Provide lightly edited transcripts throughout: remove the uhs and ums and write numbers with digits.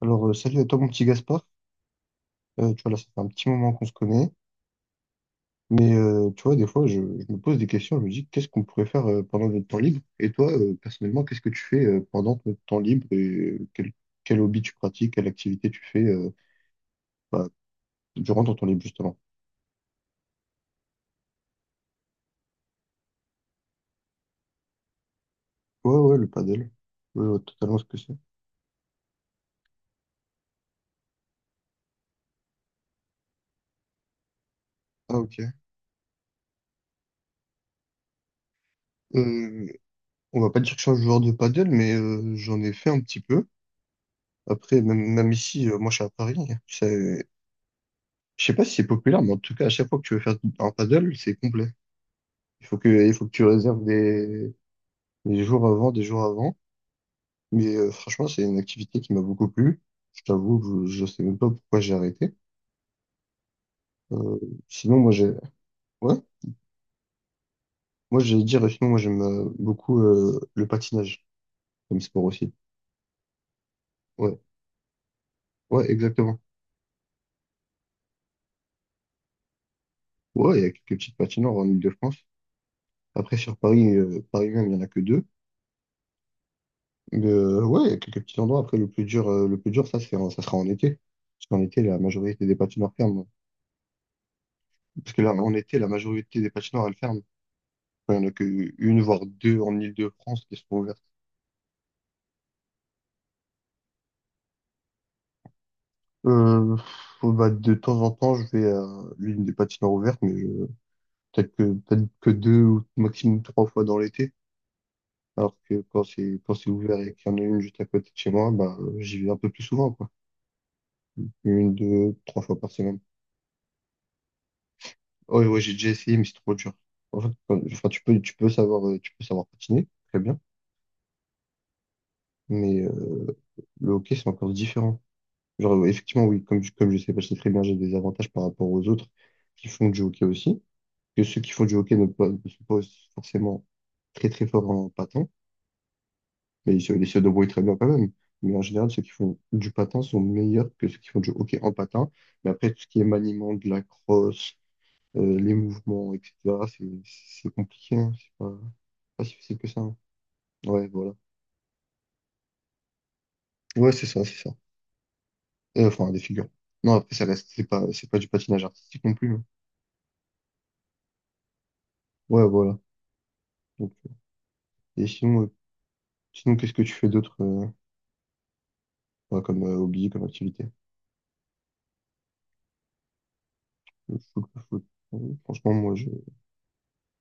Alors, salut à toi, mon petit Gaspard. Tu vois, là, ça fait un petit moment qu'on se connaît. Mais tu vois, des fois, je me pose des questions. Je me dis, qu'est-ce qu'on pourrait faire pendant notre temps libre? Et toi, personnellement, qu'est-ce que tu fais pendant notre temps libre et quel hobby tu pratiques, quelle activité tu fais bah, durant ton temps libre, justement? Ouais, ouais, le paddle. Ouais, ouais, totalement ce que c'est. Ah, ok. Euh, on va pas dire que je suis un joueur de paddle, mais j'en ai fait un petit peu. Après, même ici, moi, je suis à Paris. Je sais pas si c'est populaire, mais en tout cas, à chaque fois que tu veux faire un paddle, c'est complet. Il faut que tu réserves des jours avant, des jours avant. Mais franchement, c'est une activité qui m'a beaucoup plu. Je t'avoue, que je sais même pas pourquoi j'ai arrêté. Euh, sinon, moi, j'ai, ouais, moi, j'allais dire, sinon, moi, j'aime beaucoup le patinage comme sport aussi. Ouais, ouais, exactement. Ouais, il y a quelques petites patinoires en Île-de-France. Après, sur Paris, Paris même, il y en a que deux. Mais ouais, il y a quelques petits endroits. Après, le plus dur, ça, ça sera en été. Parce qu'en été, la majorité des patinoires ferment. Parce que là, en été, la majorité des patinoires, elles ferment. Enfin, il n'y en a qu'une, voire deux en Île-de-France qui sont ouvertes. Euh, bah, de temps en temps, je vais à l'une des patinoires ouvertes, mais peut-être que deux ou maximum trois fois dans l'été. Alors que quand c'est ouvert et qu'il y en a une juste à côté de chez moi, bah, j'y vais un peu plus souvent, quoi. Une, deux, trois fois par semaine. Ouais, ouais, j'ai déjà essayé, mais c'est trop dur. En fait, enfin, tu peux savoir patiner, très bien, mais le hockey, c'est encore différent. Genre, effectivement, oui, comme, comme je sais patiner très bien, j'ai des avantages par rapport aux autres qui font du hockey aussi. Que ceux qui font du hockey ne sont pas forcément très, très forts en patin, mais ils se débrouillent très bien quand même. Mais en général, ceux qui font du patin sont meilleurs que ceux qui font du hockey en patin. Mais après, tout ce qui est maniement, de la crosse, les mouvements, etc., c'est compliqué, hein. C'est pas si facile que ça, hein. Ouais, voilà. Ouais, c'est ça, c'est ça. Enfin, des figures. Non, après, ça reste, c'est pas du patinage artistique non plus. Ouais, voilà. Donc, et sinon, qu'est-ce que tu fais d'autre ouais, comme hobby, comme activité? Le foot, le foot. Euh, Franchement, moi, je,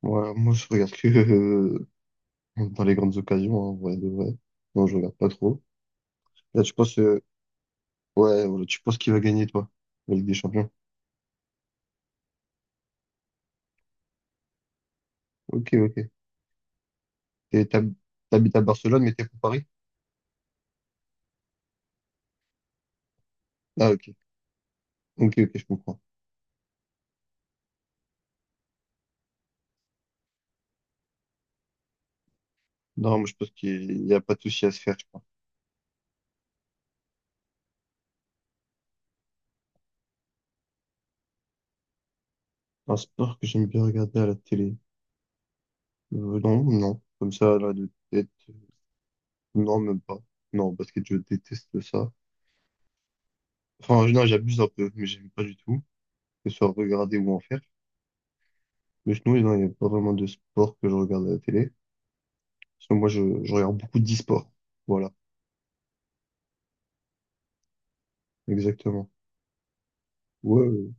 moi, moi, je regarde que dans les grandes occasions, hein, en vrai de vrai. Non, je regarde pas trop. Là, tu penses qui va gagner, toi, la Ligue des Champions? Ok, ok. Et t'hab- T'habites à Barcelone, mais t'es pour Paris? Ah, ok. Ok, ok, je comprends. Non, moi, je pense qu'il n'y a pas de souci à se faire. Un sport que j'aime bien regarder à la télé. Non, non. Comme ça, là, de tête. Non, même pas. Non, parce que je déteste ça. Enfin, non, j'abuse un peu, mais j'aime pas du tout. Que ce soit regarder ou en faire. Mais sinon, non, il n'y a pas vraiment de sport que je regarde à la télé. Parce que moi, je regarde beaucoup d'e-sport. Voilà, exactement. Ouais, ouais.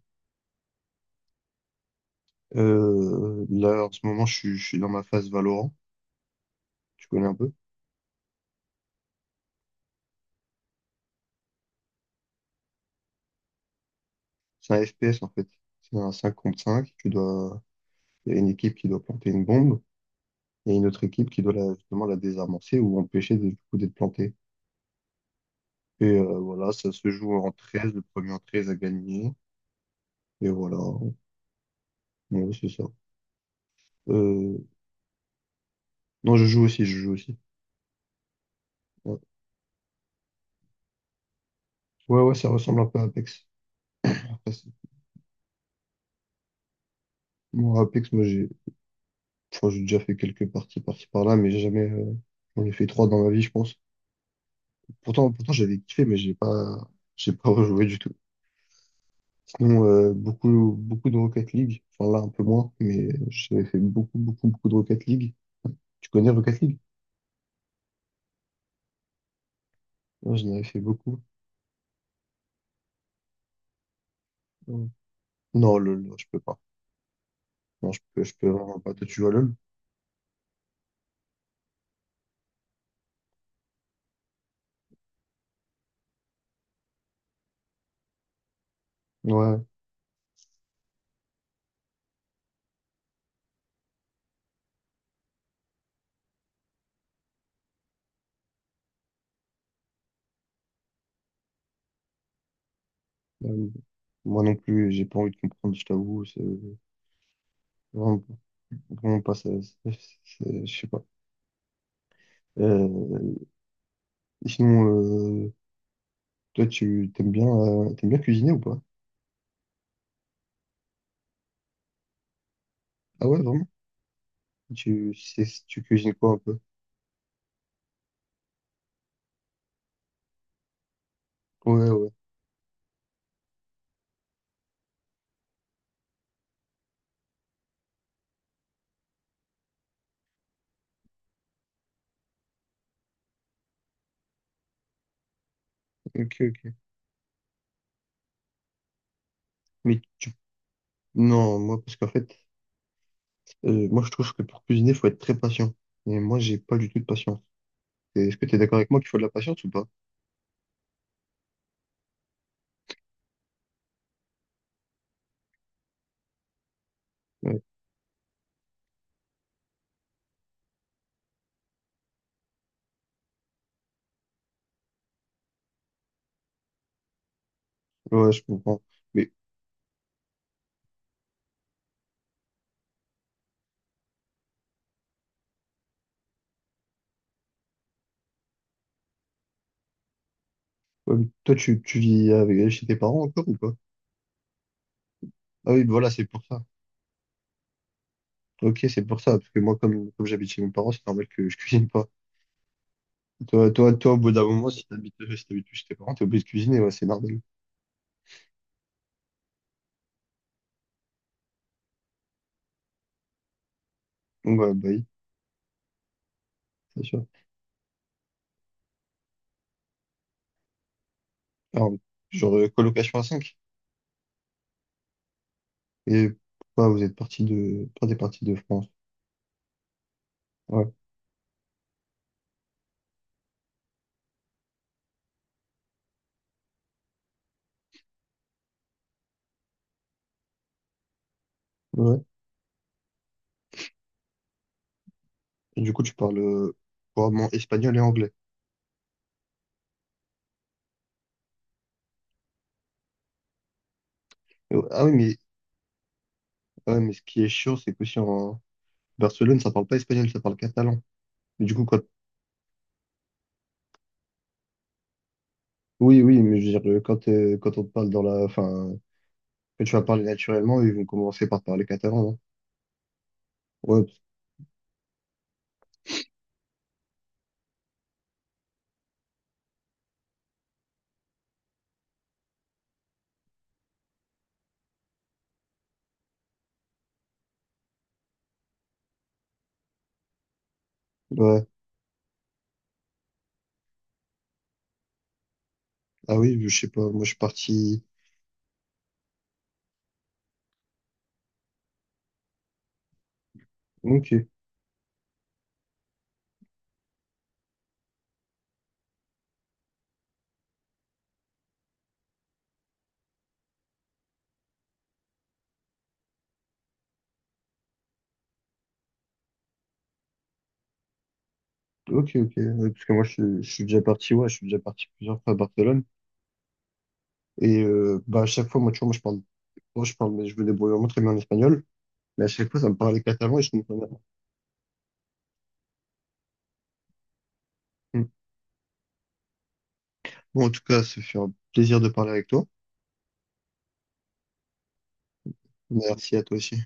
Là, en ce moment, je suis dans ma phase Valorant. Tu connais un peu? C'est un FPS, en fait. C'est un 5 contre 5. Il y a une équipe qui doit planter une bombe. Il y a une autre équipe qui doit justement la désamorcer ou empêcher du coup d'être plantée. Et voilà, ça se joue en 13, le premier en 13 a gagné. Et voilà, ouais, c'est ça. Euh, Non, je joue aussi, je joue aussi. Ouais, ouais, ouais, ça ressemble un peu à Apex. Après, moi, Apex, moi, j'ai enfin, j'ai déjà fait quelques parties par-ci par-là, mais j'ai jamais. J'en ai fait trois dans ma vie, je pense. Pourtant j'avais kiffé, mais j'ai pas rejoué du tout. Sinon, beaucoup, beaucoup de Rocket League. Enfin, là, un peu moins, mais j'avais fait beaucoup, beaucoup, beaucoup de Rocket League. Tu connais Rocket League? Non, j'en avais fait beaucoup. Non, non, LOL, non, je peux pas. Non, je peux vraiment pas. Toi, tu joues à LOL? Ouais. Euh, Moi non plus, j'ai pas envie de comprendre, je t'avoue. C'est vraiment, vraiment pas ça. c'est- Je sais pas. Euh, sinon, toi, t'aimes bien cuisiner ou pas? Ah ouais, vraiment? Tu cuisines quoi un peu? Ouais, ouais. Ok, ok. Mais tu. Non, moi, parce qu'en fait, moi, je trouve que pour cuisiner, faut être très patient. Et moi, j'ai pas du tout de patience. Et est-ce que tu es d'accord avec moi qu'il faut de la patience ou pas? Ouais, ouais, je comprends. Mais ouais, mais toi, tu vis avec, chez tes parents encore ou pas? Ah oui, voilà, c'est pour ça. Ok, c'est pour ça. Parce que moi, comme j'habite chez mes parents, c'est normal que je cuisine pas. Toi, toi, toi, au bout d'un moment, si t'habites plus chez tes parents, t'es obligé de cuisiner, ouais, c'est normal. Donc, ouais, bah oui, c'est sûr. Alors, genre, colocation à cinq. Et pourquoi t'es parti de France? Ouais, ouais. Et du coup, tu parles couramment espagnol et anglais. Ah oui, mais, ah ouais, mais ce qui est chiant, c'est que si en, Barcelone, ça parle pas espagnol, ça parle catalan. Mais du coup, quand. Oui, oui, mais je veux dire, quand on te parle dans la, enfin, quand tu vas parler naturellement, ils vont commencer par parler catalan, non? Ouais, ouais. Ah oui, je sais pas, moi je suis parti. Ok, ok, ok. Ouais, parce que moi je suis déjà parti, ouais, je suis déjà parti plusieurs fois à Barcelone. Et bah, à chaque fois, moi, tu vois, moi je parle. Moi, je parle, mais je me débrouille vraiment très bien en espagnol. Mais à chaque fois, ça me parlait catalan et je comprenais pas. Hmm. Bon, en tout cas, ça fait un plaisir de parler avec toi. Merci à toi aussi.